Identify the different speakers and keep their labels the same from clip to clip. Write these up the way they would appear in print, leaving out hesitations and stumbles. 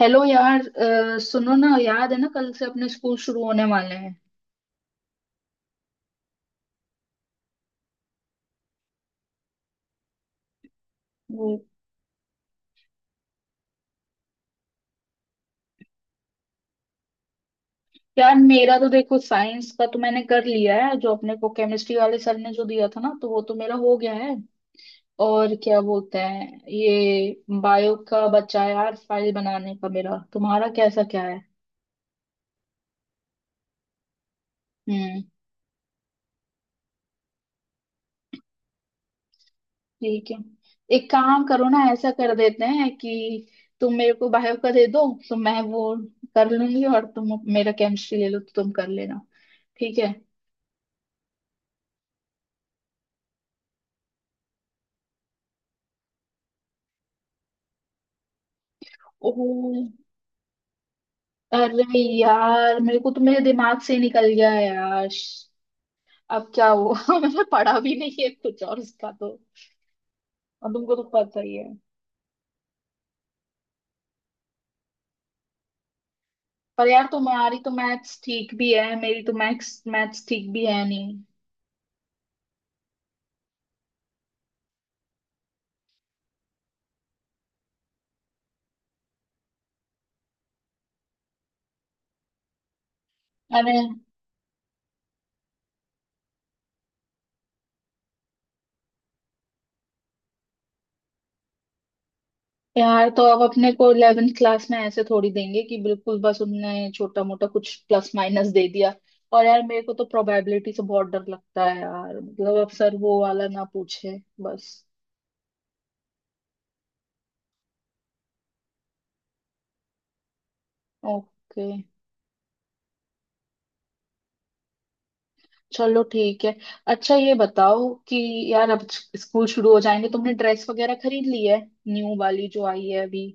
Speaker 1: Hello यार, सुनो ना, याद है ना कल से अपने स्कूल शुरू होने वाले हैं। वो- यार मेरा तो देखो, साइंस का तो मैंने कर लिया है जो अपने को केमिस्ट्री वाले सर ने जो दिया था ना, तो वो तो मेरा हो गया है। और क्या बोलते हैं, ये बायो का बचा है यार, फाइल बनाने का। मेरा तुम्हारा कैसा क्या है? हम्म, ठीक है। एक काम करो ना, ऐसा कर देते हैं कि तुम मेरे को बायो का दे दो, तो मैं वो कर लूंगी, और तुम मेरा केमिस्ट्री ले लो, तो तुम कर लेना, ठीक है। ओ, अरे यार मेरे को तो मेरे दिमाग से ही निकल गया है यार। अब क्या हुआ मैंने पढ़ा भी नहीं है कुछ, और उसका तो, और तुमको तो पता ही है। पर यार तुम्हारी तो मैथ्स ठीक भी है, मेरी तो मैथ्स मैथ्स ठीक भी है नहीं। अरे यार, तो अब अपने को 11th क्लास में ऐसे थोड़ी देंगे कि बिल्कुल बस उनने छोटा मोटा कुछ प्लस माइनस दे दिया। और यार मेरे को तो प्रोबेबिलिटी से बहुत डर लगता है यार, मतलब अब सर वो वाला ना पूछे बस। ओके, चलो ठीक है। अच्छा ये बताओ कि यार अब स्कूल शुरू हो जाएंगे, तुमने ड्रेस वगैरह खरीद ली है? न्यू वाली जो आई है अभी।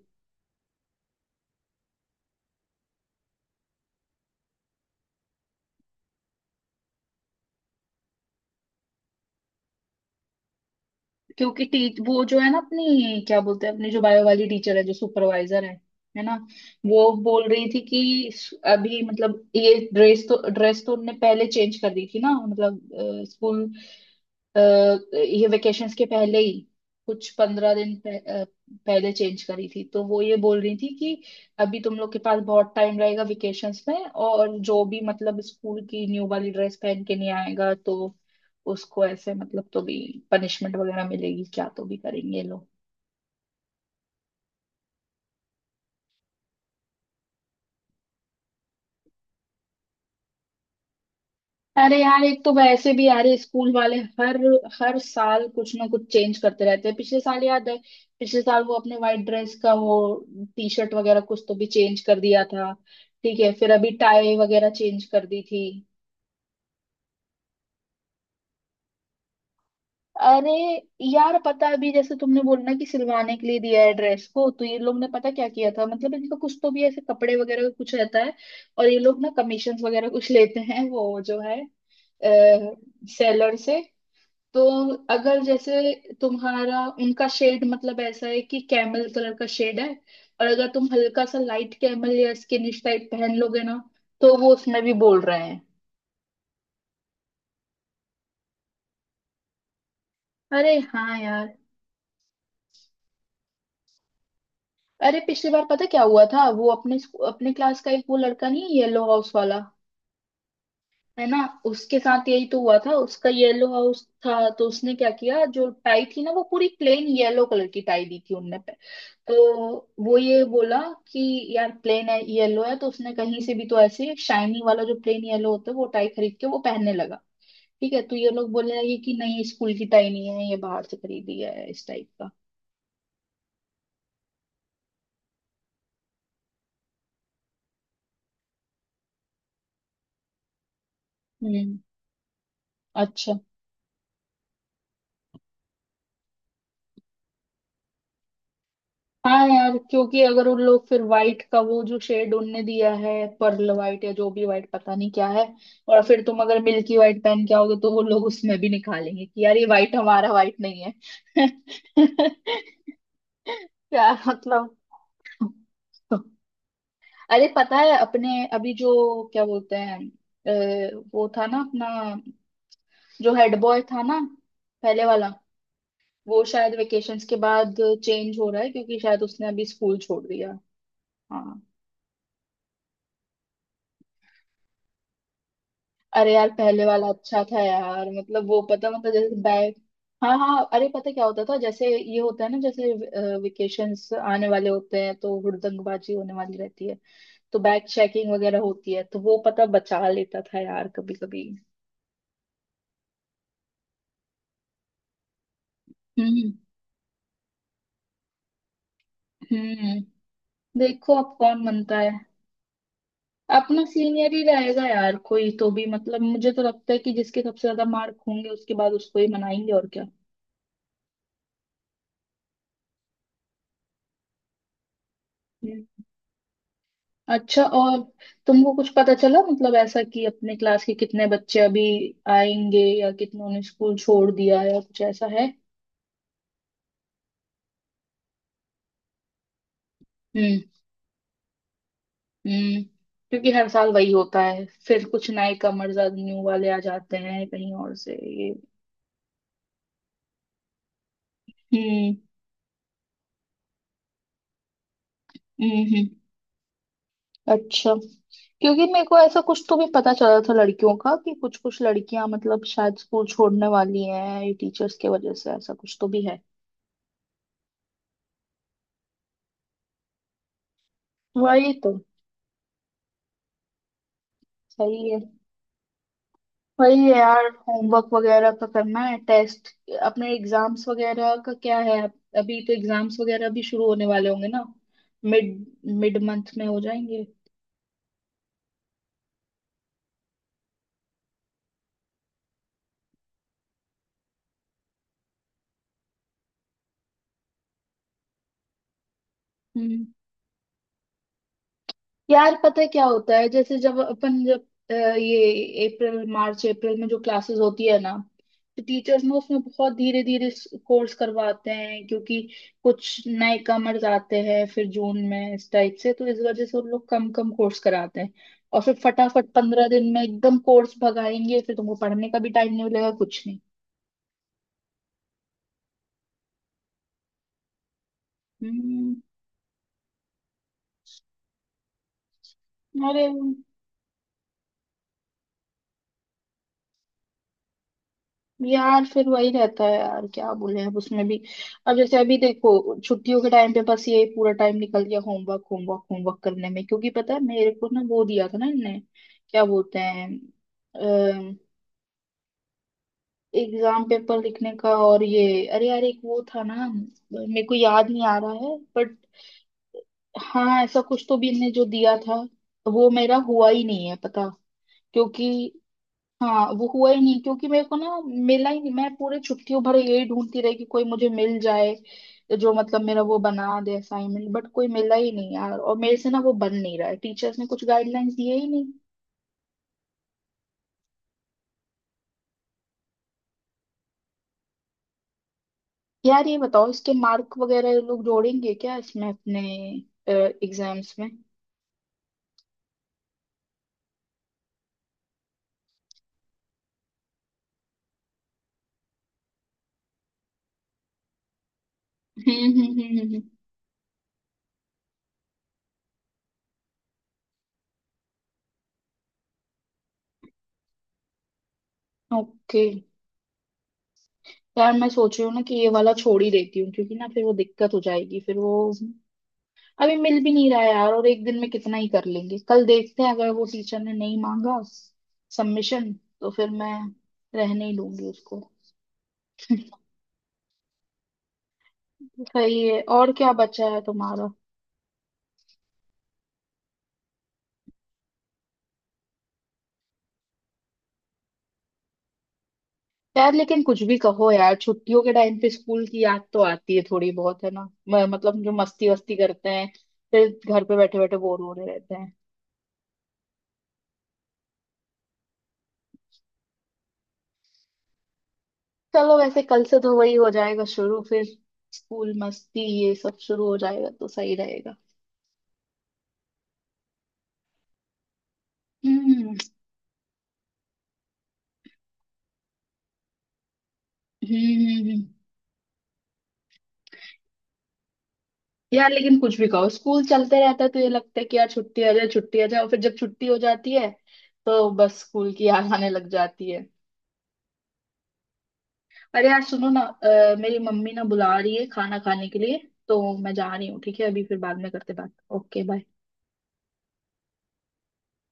Speaker 1: क्योंकि टी, वो जो है ना, अपनी क्या बोलते हैं, अपनी जो बायो वाली टीचर है, जो सुपरवाइजर है ना, वो बोल रही थी कि अभी मतलब ये ड्रेस तो उनने पहले चेंज कर दी थी ना, मतलब अ, ये वेकेशंस के पहले ही कुछ 15 दिन अ, पहले चेंज करी थी। तो वो ये बोल रही थी कि अभी तुम लोग के पास बहुत टाइम रहेगा वेकेशंस में, और जो भी मतलब स्कूल की न्यू वाली ड्रेस पहन के नहीं आएगा, तो उसको ऐसे मतलब, तो भी पनिशमेंट वगैरह मिलेगी क्या, तो भी करेंगे ये लोग। अरे यार एक तो वैसे भी यार ये स्कूल वाले हर हर साल कुछ ना कुछ चेंज करते रहते हैं। पिछले साल याद है, पिछले साल वो अपने वाइट ड्रेस का वो टी शर्ट वगैरह कुछ तो भी चेंज कर दिया था। ठीक है, फिर अभी टाई वगैरह चेंज कर दी थी। अरे यार पता है, अभी जैसे तुमने बोलना कि सिलवाने के लिए दिया है ड्रेस को, तो ये लोग ने पता क्या किया था, मतलब इनका कुछ तो भी ऐसे कपड़े वगैरह का कुछ रहता है, और ये लोग ना कमीशन वगैरह कुछ लेते हैं, वो जो है सेलर से। तो अगर जैसे तुम्हारा उनका शेड मतलब ऐसा है कि कैमल कलर का शेड है, और अगर तुम हल्का सा लाइट कैमल या स्किनिश टाइप पहन लोगे ना, तो वो उसमें भी बोल रहे हैं। अरे हाँ यार। अरे पिछली बार पता क्या हुआ था, वो अपने अपने क्लास का एक वो लड़का, नहीं येलो हाउस वाला, है ना, उसके साथ यही तो हुआ था। उसका येलो हाउस था, तो उसने क्या किया, जो टाई थी ना, वो पूरी प्लेन येलो कलर की टाई दी थी उनने पे। तो वो ये बोला कि यार प्लेन है येलो है, तो उसने कहीं से भी तो ऐसे शाइनी वाला जो प्लेन येलो होता है, वो टाई खरीद के वो पहनने लगा। ठीक है, तो ये लोग बोलने लगे कि नहीं, स्कूल की टाई नहीं है ये, बाहर से खरीदी है इस टाइप का। हम्म, अच्छा। हाँ यार, क्योंकि अगर उन लोग फिर व्हाइट का वो जो शेड उनने दिया है, पर्ल व्हाइट या जो भी व्हाइट पता नहीं क्या है, और फिर तुम अगर मिल्की व्हाइट पहन के आओगे, तो वो लोग उसमें भी निकालेंगे कि यार ये व्हाइट हमारा व्हाइट नहीं है। यार मतलब, अरे पता है अपने अभी जो क्या बोलते हैं, वो था ना अपना जो हेड बॉय था ना, पहले वाला, वो शायद वेकेशंस के बाद चेंज हो रहा है, क्योंकि शायद उसने अभी स्कूल छोड़ दिया। हाँ। अरे यार, पहले वाला अच्छा था यार, मतलब वो पता, मतलब जैसे बैग, हाँ हाँ, अरे पता क्या होता था, जैसे ये होता है ना, जैसे वेकेशंस आने वाले होते हैं तो हुड़दंगबाजी होने वाली रहती है, तो बैग चेकिंग वगैरह होती है, तो वो पता बचा लेता था यार कभी कभी। हम्म हम्म, देखो अब कौन बनता है। अपना सीनियर ही रहेगा यार कोई तो भी, मतलब मुझे तो लगता है कि जिसके सबसे ज्यादा मार्क होंगे, उसके बाद उसको ही मनाएंगे, और क्या। हम्म। अच्छा, और तुमको कुछ पता चला मतलब ऐसा कि अपने क्लास के कितने बच्चे अभी आएंगे, या कितनों ने स्कूल छोड़ दिया, या कुछ ऐसा है? हम्म हम्म, क्योंकि हर साल वही होता है, फिर कुछ नए कमर्स न्यू वाले आ जाते हैं कहीं और से। ये, हम्म हम्म, अच्छा, क्योंकि मेरे को ऐसा कुछ तो भी पता चला था लड़कियों का कि कुछ कुछ लड़कियां मतलब शायद स्कूल छोड़ने वाली हैं, ये टीचर्स के वजह से ऐसा कुछ तो भी है। वही तो, सही है। वही है यार, होमवर्क वगैरह का करना है, टेस्ट, अपने एग्जाम्स वगैरह का क्या है, अभी तो एग्जाम्स वगैरह भी शुरू होने वाले होंगे ना। मिड मिड मंथ में हो जाएंगे। हम्म। यार पता है क्या होता है, जैसे जब अपन जब ये अप्रैल, मार्च अप्रैल में जो क्लासेस होती है ना, तो टीचर्स ना उसमें बहुत धीरे धीरे कोर्स करवाते हैं, क्योंकि कुछ नए कमर्स आते हैं फिर जून में इस टाइप से, तो इस वजह से उन लोग कम कम कोर्स कराते हैं। और फिर फटाफट 15 दिन में एकदम कोर्स भगाएंगे, फिर तुमको पढ़ने का भी टाइम नहीं मिलेगा कुछ नहीं। हम्म। अरे यार, फिर वही रहता है यार, क्या बोले अब उसमें भी। अब जैसे अभी देखो, छुट्टियों के टाइम पे बस यही पूरा टाइम निकल गया, होमवर्क होमवर्क होमवर्क करने में, क्योंकि पता है मेरे को ना वो दिया था ना इनने, क्या बोलते हैं, अम, एग्जाम पेपर लिखने का, और ये, अरे यार एक वो था ना, मेरे को याद नहीं आ रहा है बट, हाँ ऐसा कुछ तो भी इनने जो दिया था, वो मेरा हुआ ही नहीं है पता, क्योंकि, हाँ वो हुआ ही नहीं, क्योंकि मेरे को ना मिला ही नहीं, मैं पूरे छुट्टियों भर यही ढूंढती रही कि कोई मुझे मिल जाए जो मतलब मेरा वो बना दे असाइनमेंट, बट कोई मिला ही नहीं यार, और मेरे से ना वो बन नहीं रहा है, टीचर्स ने कुछ गाइडलाइंस दिए ही नहीं। यार ये बताओ, इसके मार्क वगैरह ये लोग जोड़ेंगे क्या इसमें अपने एग्जाम्स में? हम्म, ओके। यार मैं सोच रही हूँ ना कि ये वाला छोड़ ही देती हूँ, क्योंकि ना फिर वो दिक्कत हो जाएगी, फिर वो अभी मिल भी नहीं रहा है यार, और एक दिन में कितना ही कर लेंगे, कल देखते हैं अगर वो टीचर ने नहीं मांगा सबमिशन, तो फिर मैं रहने ही दूंगी उसको। सही है, और क्या बचा है तुम्हारा? यार लेकिन कुछ भी कहो यार, छुट्टियों के टाइम पे स्कूल की याद तो आती है थोड़ी बहुत, है ना? मतलब जो मस्ती वस्ती करते हैं, फिर घर पे बैठे बैठे बोर हो रहे रहते हैं। चलो, वैसे कल से तो वही हो जाएगा शुरू फिर, स्कूल मस्ती ये सब शुरू हो जाएगा तो सही रहेगा। हम्म, हम्म हम्म। यार लेकिन कुछ भी कहो स्कूल चलते रहता है, तो ये लगता है कि यार छुट्टी आ जाए, छुट्टी आ जाए, और फिर जब छुट्टी हो जाती है, तो बस स्कूल की याद आने लग जाती है। अरे यार सुनो ना, मेरी मम्मी ना बुला रही है खाना खाने के लिए, तो मैं जा रही हूँ, ठीक है अभी, फिर बाद में करते बात, ओके बाय।